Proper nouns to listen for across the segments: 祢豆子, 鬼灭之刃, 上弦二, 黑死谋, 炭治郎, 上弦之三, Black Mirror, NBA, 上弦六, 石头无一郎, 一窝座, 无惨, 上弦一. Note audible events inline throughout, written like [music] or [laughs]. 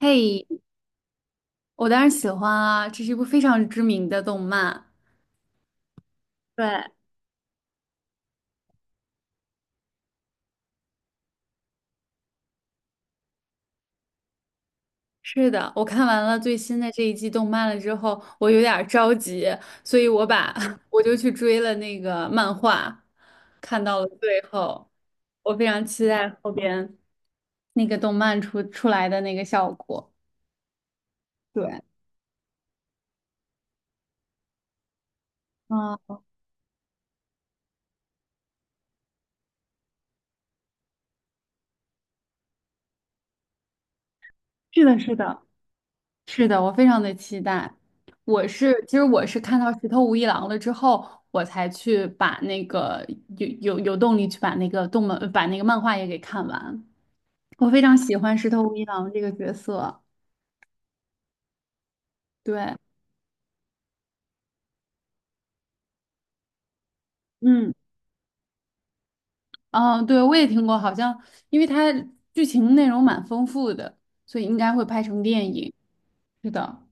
嘿，我当然喜欢啊，这是一部非常知名的动漫。对，是的，我看完了最新的这一季动漫了之后，我有点儿着急，所以我把 [laughs] 我就去追了那个漫画，看到了最后，我非常期待后边那个动漫出来的那个效果。对，嗯，是的，是的。是的，我非常的期待。其实我是看到石头无一郎了之后，我才去把那个有动力去把那个动漫把那个漫画也给看完。我非常喜欢石头无一郎这个角色。对，嗯嗯，对，我也听过，好像因为它剧情内容蛮丰富的，所以应该会拍成电影。是的，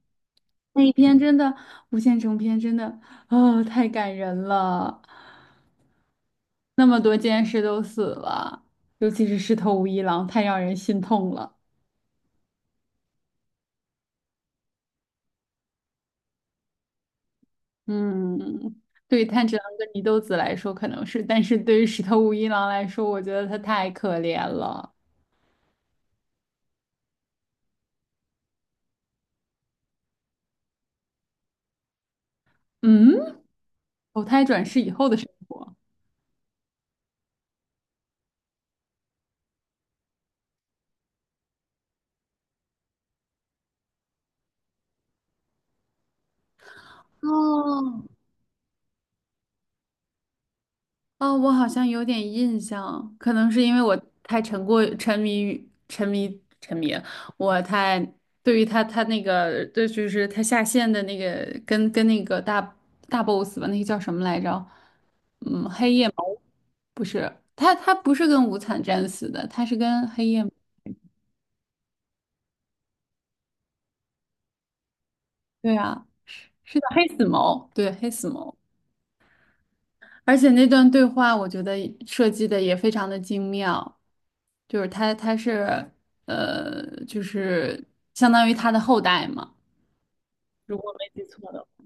那一篇真的无限城篇真的，啊，太感人了。那么多剑士都死了，尤其是石头无一郎，太让人心痛了。嗯，对于炭治郎跟祢豆子来说可能是，但是对于石头无一郎来说，我觉得他太可怜了。嗯，投胎转世以后的生活。哦，哦，我好像有点印象，可能是因为我太沉迷于沉迷，我太对于他那个，对，就是他下线的那个跟那个大 boss 吧，那个叫什么来着？嗯，黑夜魔王不是他，他不是跟无惨战死的，他是跟黑夜，对啊，是的，黑死谋，对，黑死谋。而且那段对话，我觉得设计的也非常的精妙，就是他是就是相当于他的后代嘛，如果没记错的话。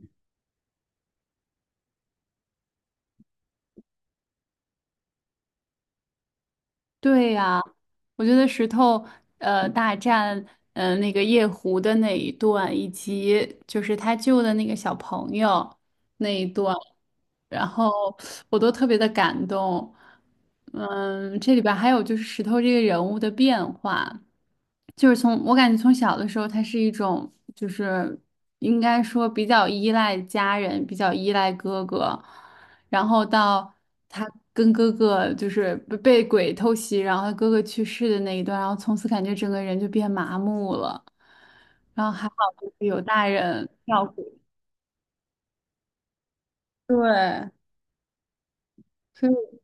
对呀，我觉得石头大战那个夜壶的那一段，以及就是他救的那个小朋友那一段，然后我都特别的感动。嗯，这里边还有就是石头这个人物的变化。就是从我感觉从小的时候，他是一种就是应该说比较依赖家人，比较依赖哥哥，然后到他跟哥哥就是被鬼偷袭，然后他哥哥去世的那一段，然后从此感觉整个人就变麻木了，然后还好就是有大人照顾。对，所以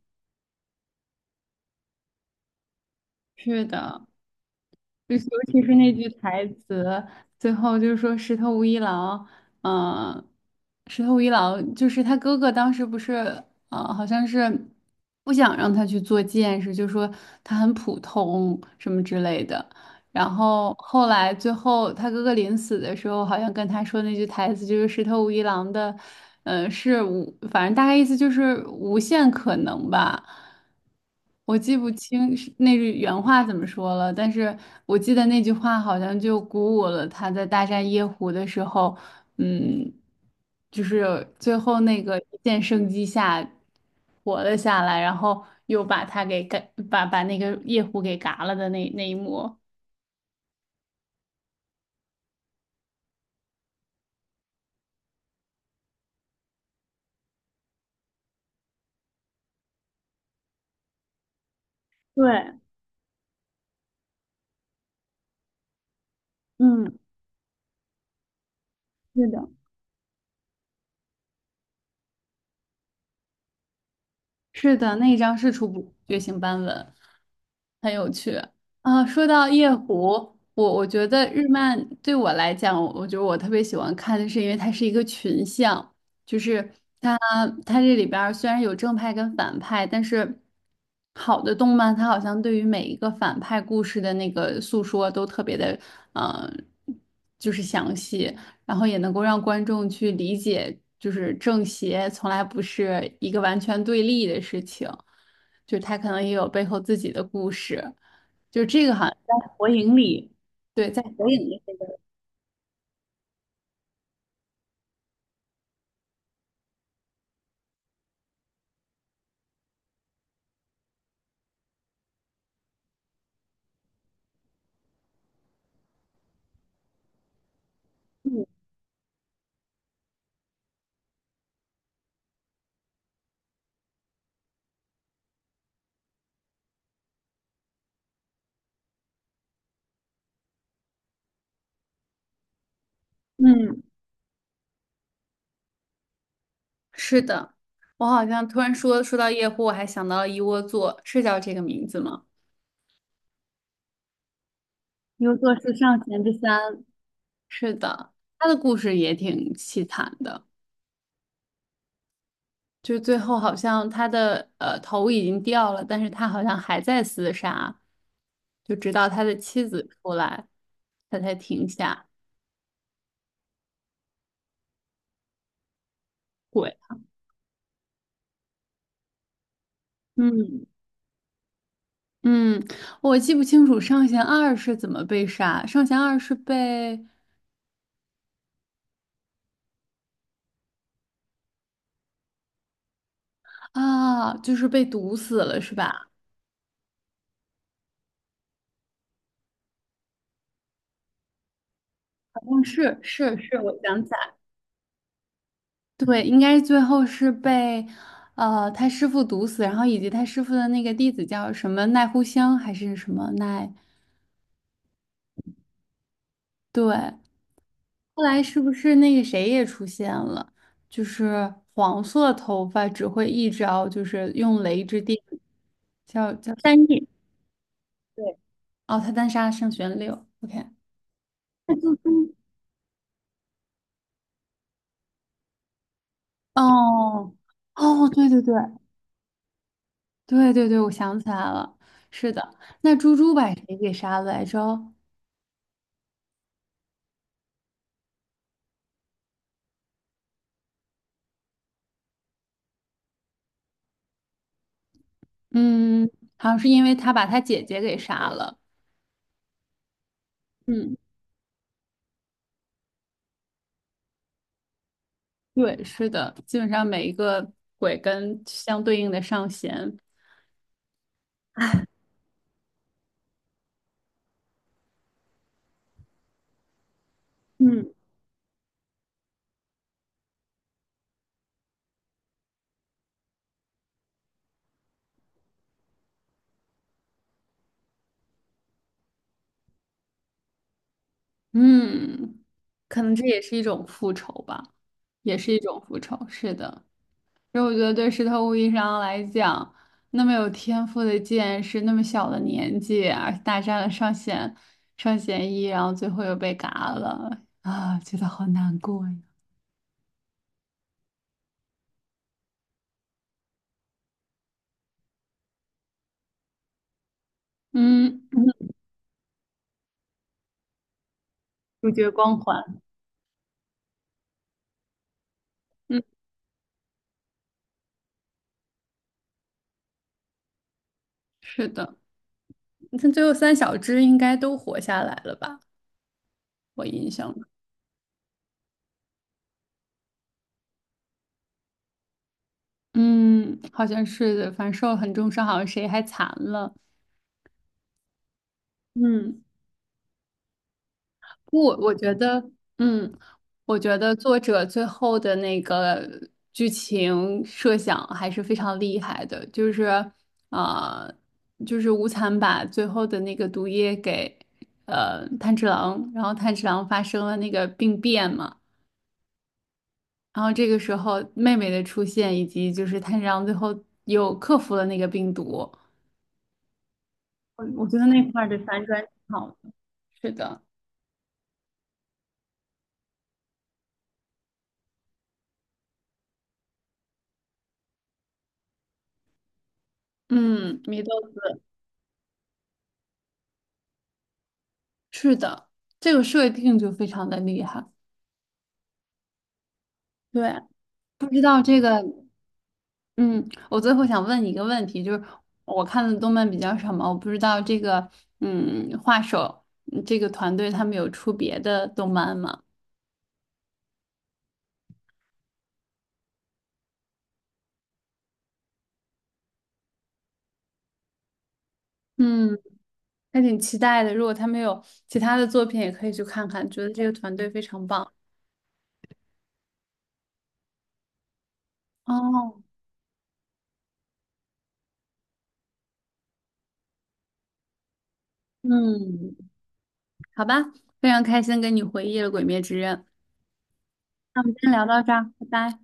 是的。就尤其是那句台词，最后就是说石头无一郎，嗯、石头无一郎就是他哥哥，当时不是，好像是不想让他去做剑士，就说他很普通什么之类的。然后后来最后他哥哥临死的时候，好像跟他说那句台词就是“石头无一郎”的，嗯、是无，反正大概意思就是无限可能吧。我记不清是那句原话怎么说了，但是我记得那句话好像就鼓舞了他在大战夜壶的时候，嗯，就是最后那个一线生机下活了下来，然后又把他给干，把那个夜壶给嘎了的那一幕。对，嗯，是的，是的，那一张是初步觉醒斑纹，很有趣啊。说到夜壶，我觉得日漫对我来讲，我觉得我特别喜欢看的是，因为它是一个群像，就是它它这里边儿虽然有正派跟反派，但是好的动漫它好像对于每一个反派故事的那个诉说都特别的，嗯、就是详细。然后也能够让观众去理解，就是正邪从来不是一个完全对立的事情，就是他可能也有背后自己的故事，就这个好像在火影里，对，在火影里这个嗯，是的，我好像突然说到夜壶，我还想到了一窝座，是叫这个名字吗？一窝座是上弦之三，是的，他的故事也挺凄惨的。就最后好像他的头已经掉了，但是他好像还在厮杀，就直到他的妻子出来，他才停下。对，嗯嗯，我记不清楚上弦二是怎么被杀，上弦二是被啊，就是被毒死了是吧？好像是是是，我想起来，对，应该最后是被他师傅毒死，然后以及他师傅的那个弟子叫什么奈乎香还是什么奈。对，后来是不是那个谁也出现了？就是黄色头发只会一招，就是用雷之电，叫三叶。对，哦，他单杀上弦六，OK。那就跟哦哦，对对对对对对，我想起来了，是的。那猪猪把谁给杀了来着？嗯，好像是因为他把他姐姐给杀了。嗯，对，是的，基本上每一个鬼跟相对应的上弦。嗯。嗯，可能这也是一种复仇吧，也是一种复仇。是的，所以我觉得对石头无疑上来讲，那么有天赋的剑士，那么小的年纪，而大战了上弦一，然后最后又被嘎了啊，觉得好难过呀。嗯，主角光环。嗯，是的，他最后三小只应该都活下来了吧？我印象中，嗯，好像是的，反正受了很重伤，好像谁还残了。嗯。不，我觉得，嗯，我觉得作者最后的那个剧情设想还是非常厉害的，就是，呃，就是无惨把最后的那个毒液给，炭治郎，然后炭治郎发生了那个病变嘛，然后这个时候妹妹的出现，以及就是炭治郎最后又克服了那个病毒，我觉得那块儿的反转挺好的。是的，嗯，是的，这个设定就非常的厉害。对，不知道这个，嗯，我最后想问你一个问题，就是我看的动漫比较少嘛，我不知道这个，嗯、画手嗯这个团队他们有出别的动漫吗？嗯，还挺期待的。如果他们有其他的作品，也可以去看看，觉得这个团队非常棒。哦，嗯，好吧，非常开心跟你回忆了《鬼灭之刃》，那我们先聊到这儿，拜拜。